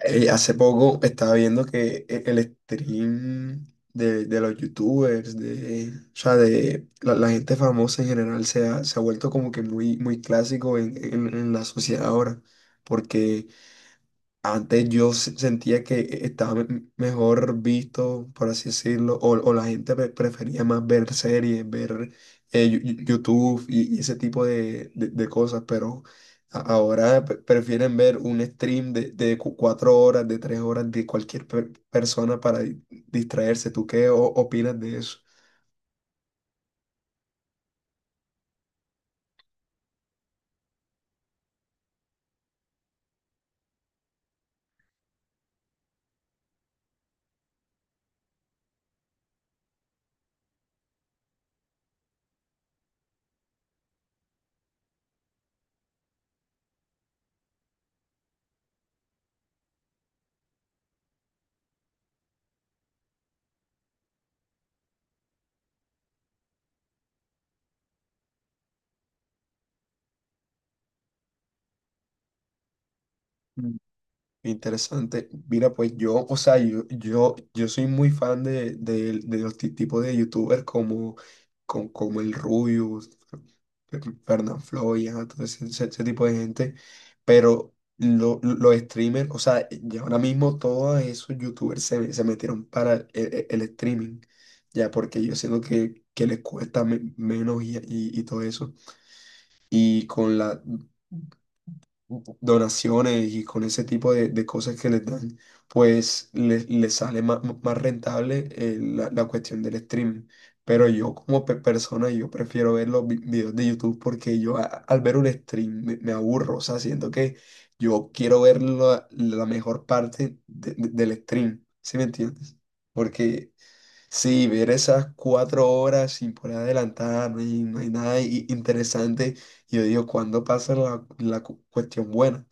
Hace poco estaba viendo que el stream de los youtubers, de, o sea, de la gente famosa en general se ha vuelto como que muy clásico en, en la sociedad ahora, porque antes yo sentía que estaba mejor visto, por así decirlo, o la gente prefería más ver series, ver YouTube y ese tipo de, de cosas, pero ahora prefieren ver un stream de cuatro horas, de tres horas de cualquier persona para distraerse. ¿Tú qué opinas de eso? Interesante. Mira, pues yo, o sea, yo soy muy fan de, de los tipos de youtubers como, como el Rubius, Fernán Floyd, ajá, todo ese, ese tipo de gente. Pero los streamers, o sea, ya ahora mismo todos esos youtubers se metieron para el, el streaming, ya porque yo siento que les cuesta menos y todo eso. Y con la donaciones y con ese tipo de cosas que les dan, pues les sale más rentable la, la cuestión del stream. Pero yo como persona, yo prefiero ver los videos de YouTube porque yo al ver un stream me aburro, o sea, siento que yo quiero ver la, la mejor parte del stream, ¿sí me entiendes? Porque sí, ver esas cuatro horas sin poder adelantar, no hay nada interesante. Y yo digo, ¿cuándo pasa la, la cuestión buena?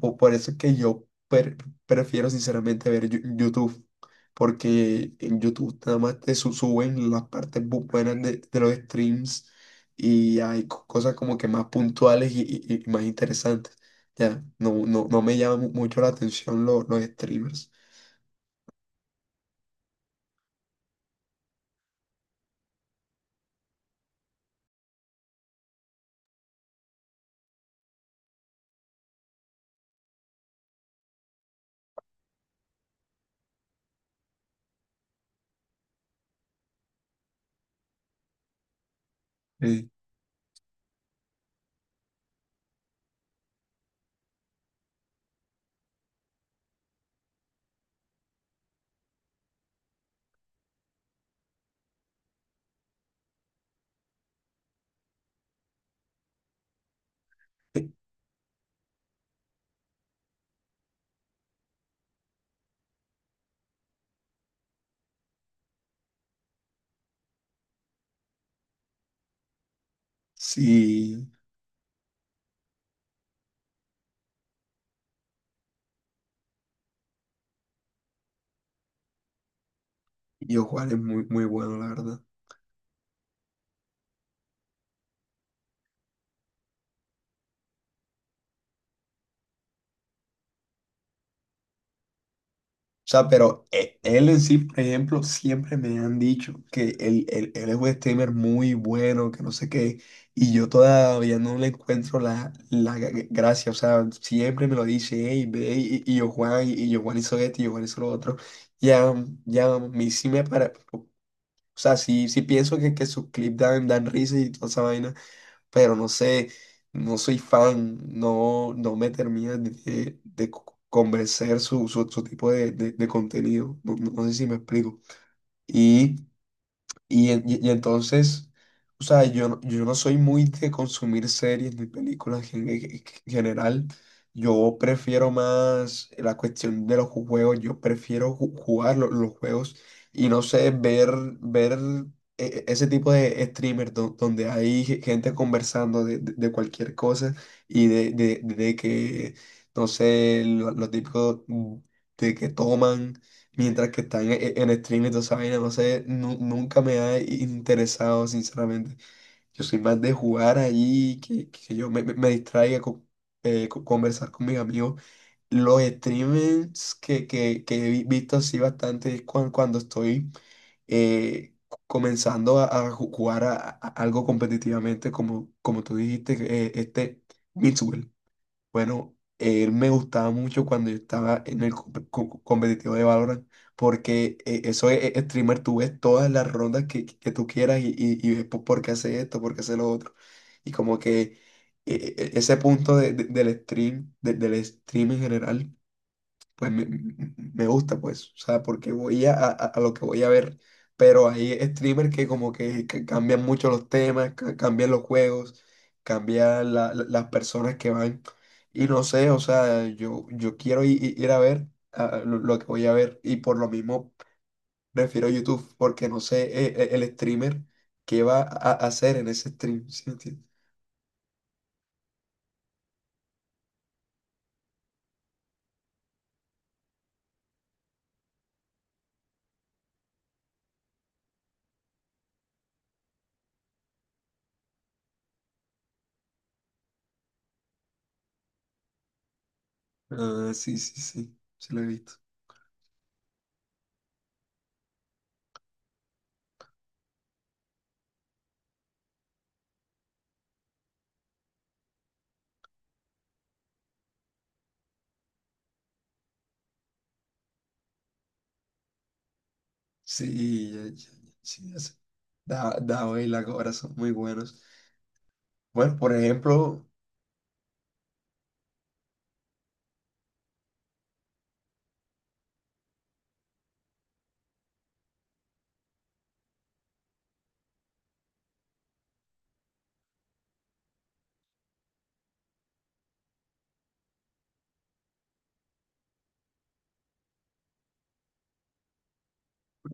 Por, eso es que yo prefiero sinceramente ver YouTube, porque en YouTube nada más te suben las partes buenas de los streams y hay cosas como que más puntuales y más interesantes. Ya, no, no, no me llama mucho la atención los streamers. Eh, eh, Sí. Yo Juan es muy, muy bueno, la verdad. O sea, pero él en sí, por ejemplo, siempre me han dicho que él, él es un streamer muy bueno, que no sé qué, y yo todavía no le encuentro la, la gracia. O sea, siempre me lo dice, hey, ve, y yo Juan, y yo Juan hizo esto, y yo Juan hizo lo otro. Ya, ya, a mí sí me para. O sea, sí, sí pienso que sus clips dan, dan risa y toda esa vaina, pero no sé, no soy fan, no, no me termina de convencer su tipo de, de contenido, no, no sé si me explico. Y y entonces, o sea, yo, yo no soy muy de consumir series ni películas en, en general. Yo prefiero más la cuestión de los juegos. Yo prefiero jugar los juegos y no sé, ver ese tipo de streamers donde hay gente conversando de, de cualquier cosa y de, no sé, lo típico de que toman. Mientras que están en stream y toda esa vaina, no sé, nunca me ha interesado, sinceramente. Yo soy más de jugar allí, que yo me distraiga con, conversar con mis amigos. Los streamers que he visto así bastante es cuando estoy comenzando a jugar a, algo competitivamente, como, como tú dijiste, este Mitsuel. Bueno, él me gustaba mucho cuando yo estaba en el competitivo de Valorant, porque eso es streamer, tú ves todas las rondas que tú quieras y ves por qué hace esto, por qué hace lo otro. Y como que ese punto del stream, del stream en general pues me gusta, pues, o sea, porque voy a, a lo que voy a ver. Pero hay streamers que como que cambian mucho los temas, cambian los juegos, cambian las personas que van. Y no sé, o sea, yo quiero ir, a ver ah, lo que voy a ver. Y por lo mismo prefiero YouTube, porque no sé el streamer qué va a hacer en ese stream. ¿Sí me entiendes? Ah, sí, sí, sí, sí lo he visto. Sí, sí, ya sé. Da, Dao y la cobra son muy buenos. Bueno, por ejemplo,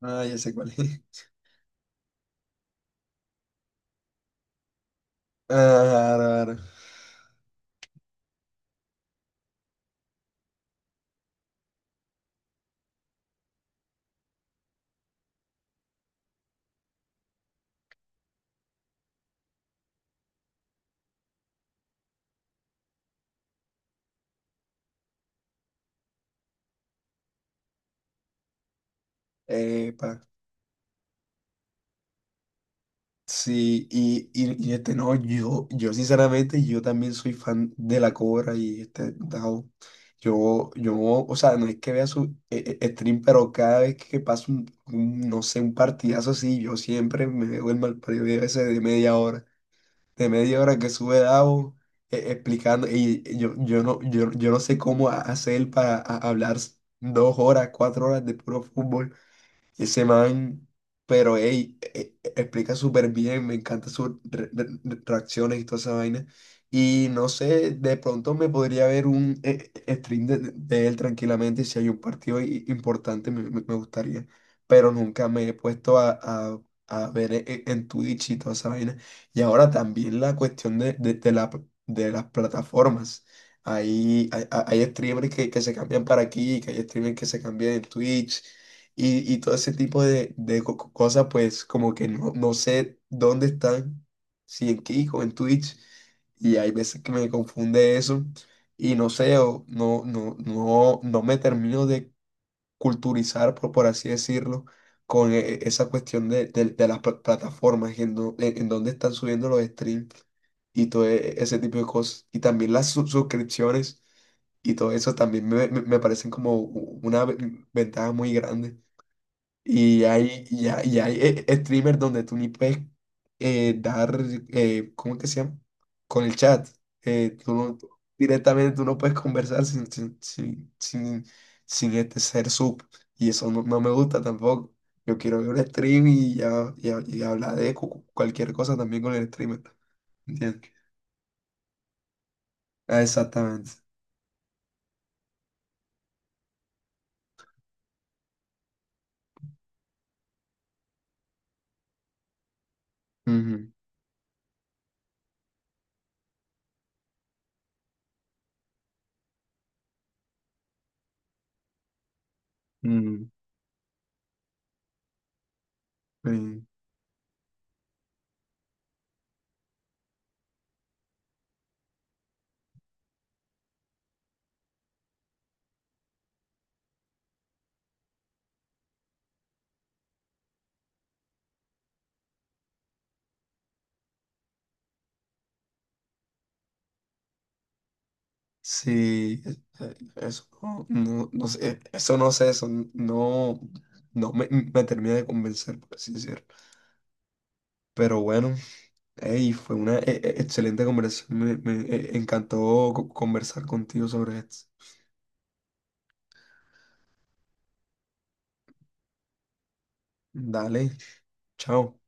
ah, ya sé cuál es. Ah, claro, claro. Epa. Sí, y este no, yo sinceramente, yo también soy fan de la cobra y este Dao. Yo, o sea, no es que vea su stream, pero cada vez que pasa un, no sé, un partidazo así, yo siempre me veo el mal periodo ese de media hora, de media hora que sube Davo explicando yo yo no sé cómo hacer para hablar dos horas, cuatro horas de puro fútbol. Ese man, pero ey, explica súper bien, me encanta sus reacciones y toda esa vaina. Y no sé, de pronto me podría ver un stream de él tranquilamente. Si hay un partido importante, me gustaría. Pero nunca me he puesto a, a ver en Twitch y toda esa vaina. Y ahora también la cuestión de, de la, de las plataformas. Hay streamers que se cambian para aquí, que hay streamers que se cambian en Twitch y todo ese tipo de cosas, pues como que no, no sé dónde están, si en Kik o en Twitch, y hay veces que me confunde eso, y no sé, o no, no, no, no me termino de culturizar, por así decirlo, con esa cuestión de, de las plataformas, en, en dónde están subiendo los streams y todo ese tipo de cosas, y también las suscripciones y todo eso también me parecen como una ventaja muy grande. Y hay, streamers donde tú ni puedes dar, ¿cómo que se llama? Con el chat. Tú directamente tú no puedes conversar sin este ser sub. Y eso no, no me gusta tampoco. Yo quiero ver un stream y, y hablar de cualquier cosa también con el streamer. ¿Entiendes? Ah, exactamente. Ujú, ujú, sí. Sí, eso no, no, no sé, eso no sé, eso no, me termina de convencer, por así decirlo. Pero bueno, hey, fue una excelente conversación, me encantó conversar contigo sobre esto. Dale, chao.